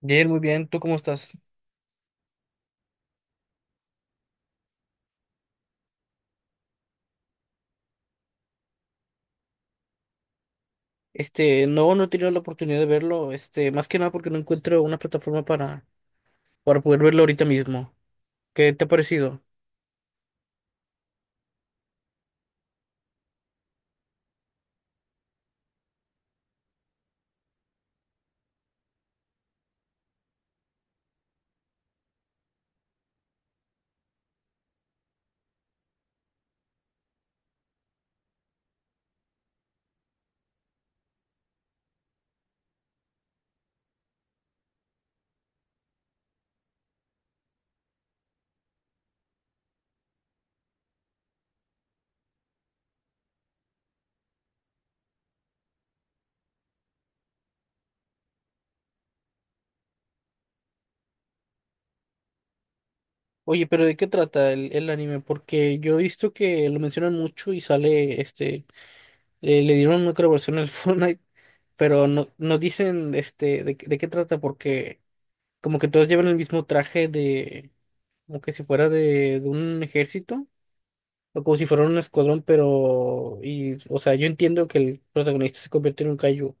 Bien, muy bien. ¿Tú cómo estás? No, no he tenido la oportunidad de verlo. Más que nada porque no encuentro una plataforma para poder verlo ahorita mismo. ¿Qué te ha parecido? Oye, pero ¿de qué trata el anime? Porque yo he visto que lo mencionan mucho y sale, le dieron otra versión al Fortnite, pero no, no dicen, de qué trata, porque como que todos llevan el mismo traje de, como que si fuera de un ejército. O como si fueran un escuadrón, pero, y, o sea, yo entiendo que el protagonista se convierte en un kaiju,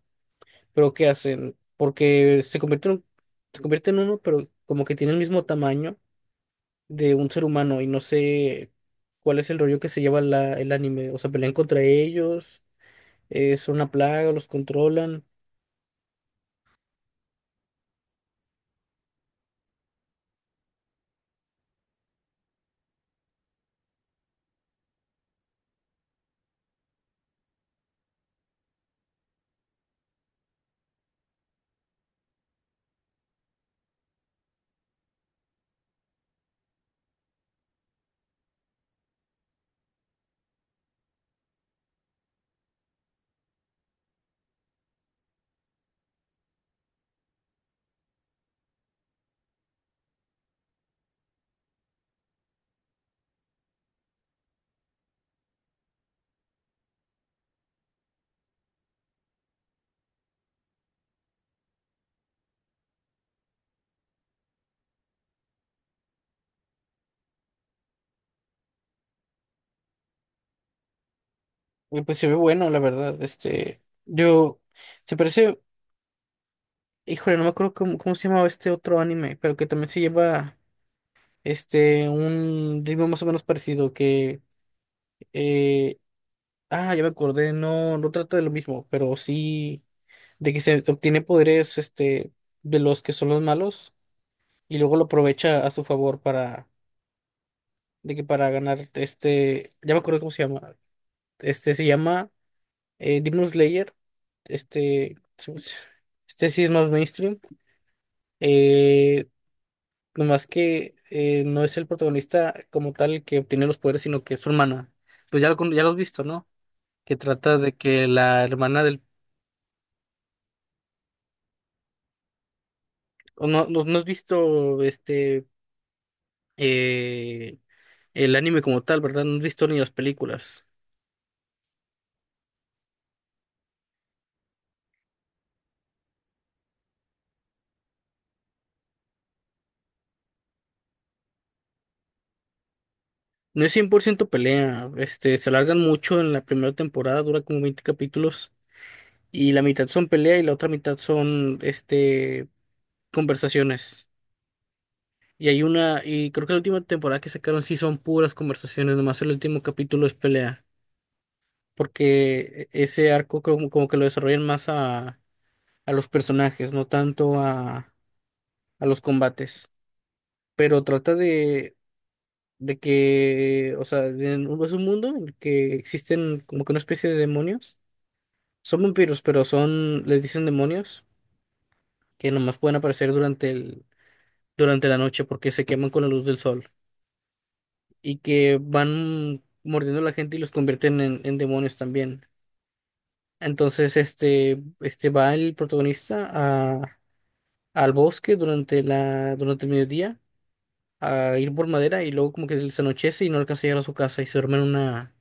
pero ¿qué hacen? Porque se convierte se convierte en uno, pero como que tiene el mismo tamaño de un ser humano y no sé cuál es el rollo que se lleva el anime, o sea, pelean contra ellos, es una plaga, los controlan, y pues se ve bueno, la verdad. Yo, se parece, híjole, no me acuerdo cómo se llamaba este otro anime, pero que también se lleva. Un ritmo más o menos parecido eh, ah, ya me acordé. No, no trata de lo mismo, pero sí de que se obtiene poderes, de los que son los malos y luego lo aprovecha a su favor para, de que para ganar. Ya me acuerdo cómo se llama. Se llama Demon Slayer. este, se- este sí es más mainstream. eh, Nomás que no es el protagonista como tal el que obtiene los poderes, sino que es su hermana. Pues ya lo has visto, ¿no? Que trata de que la hermana del. O No, no, no has visto eh, el anime como tal, ¿verdad? No has visto ni las películas. No es 100% pelea. Se alargan mucho en la primera temporada, dura como 20 capítulos. Y la mitad son pelea y la otra mitad son conversaciones. Y creo que la última temporada que sacaron sí son puras conversaciones, nomás el último capítulo es pelea, porque ese arco como que lo desarrollan más a los personajes, no tanto a los combates. Pero trata de que, o sea, es un mundo en el que existen como que una especie de demonios. Son vampiros, pero son, les dicen demonios, que nomás pueden aparecer durante la noche porque se queman con la luz del sol. Y que van mordiendo a la gente y los convierten en demonios también. Entonces, va el protagonista a, al bosque durante el mediodía a ir por madera y luego como que se anochece y no alcanza a llegar a su casa y se duerme en una,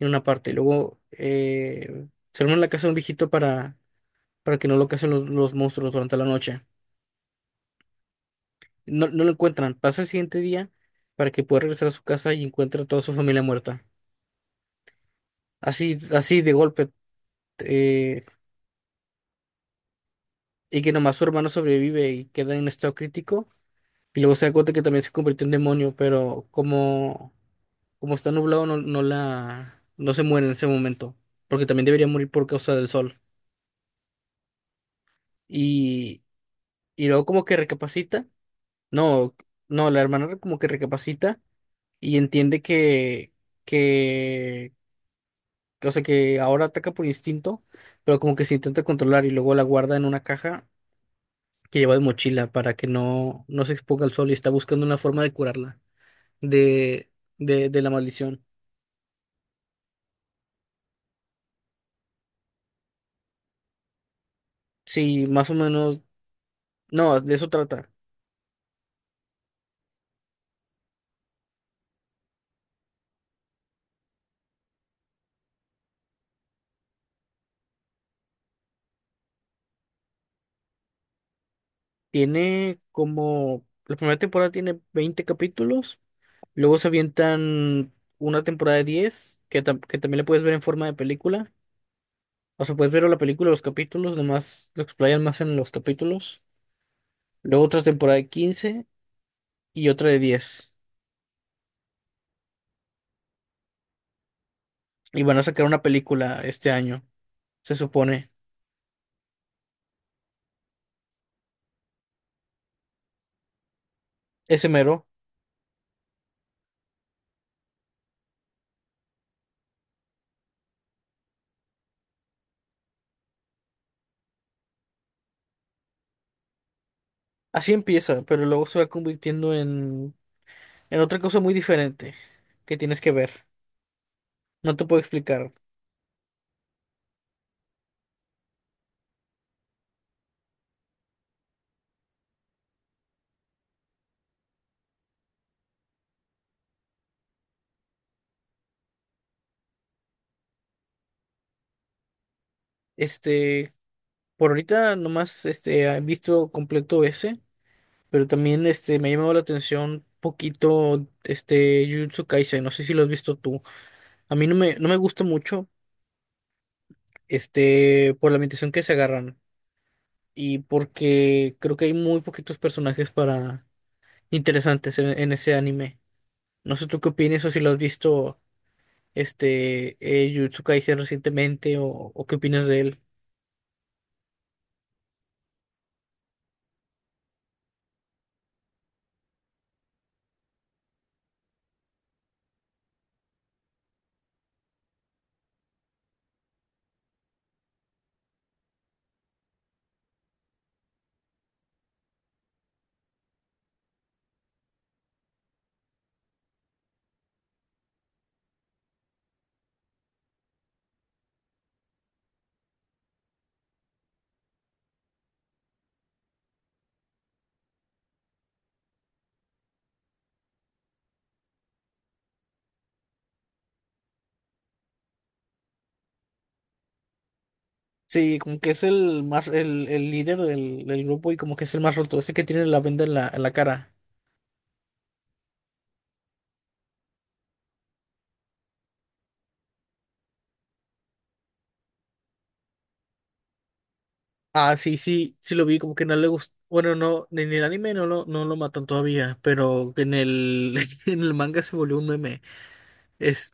en una parte. Y luego se duerme en la casa de un viejito para que no lo casen los monstruos durante la noche. No, no lo encuentran. Pasa el siguiente día para que pueda regresar a su casa y encuentra a toda su familia muerta. Así, así de golpe. eh, y que nomás su hermano sobrevive y queda en estado crítico. Y luego se da cuenta que también se convirtió en demonio, pero como está nublado, no, no se muere en ese momento, porque también debería morir por causa del sol. Y, y luego como que recapacita. No, no, la hermana como que recapacita y entiende que, o sea, que ahora ataca por instinto, pero como que se intenta controlar y luego la guarda en una caja que lleva de mochila para que no se exponga al sol, y está buscando una forma de curarla de, de la maldición. Sí, más o menos, no, de eso trata. La primera temporada tiene 20 capítulos, luego se avientan una temporada de 10 que también la puedes ver en forma de película. O sea, puedes ver la película, los capítulos, nomás lo explayan más en los capítulos. Luego otra temporada de 15 y otra de 10. Y van a sacar una película este año, se supone. Ese mero. Así empieza, pero luego se va convirtiendo en otra cosa muy diferente que tienes que ver. No te puedo explicar. Este, por ahorita nomás he visto completo ese, pero también me ha llamado la atención poquito este Jujutsu Kaisen. No sé si lo has visto tú. A mí no me gusta mucho, por la ambientación que se agarran y porque creo que hay muy poquitos personajes para interesantes en ese anime. No sé tú qué opinas, o si lo has visto Jujutsu Kaisen recientemente, o qué opinas de él. Sí, como que es el más, el líder del grupo, y como que es el más roto, es el que tiene la venda en en la cara. Ah, sí, sí, sí lo vi, como que no le gustó. Bueno, no, en el anime no lo matan todavía, pero en el, en el manga se volvió un meme. Es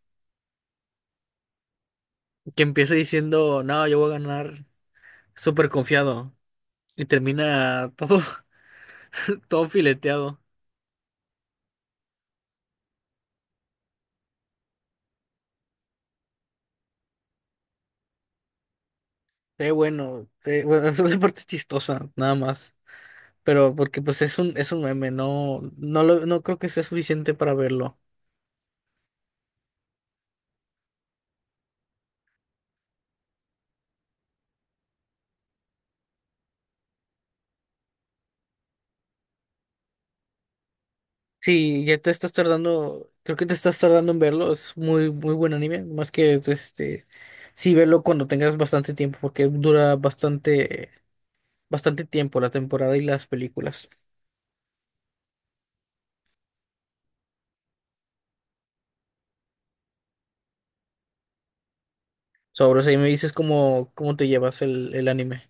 que empieza diciendo: no, yo voy a ganar, súper confiado. Y termina todo, todo fileteado. Bueno, bueno, es una parte chistosa, nada más. Pero porque pues es un meme, no creo que sea suficiente para verlo. Sí, ya te estás tardando, creo que te estás tardando en verlo, es muy, muy buen anime, más que este. Sí, verlo cuando tengas bastante tiempo, porque dura bastante, bastante tiempo la temporada y las películas. O sea, y me dices cómo te llevas el anime.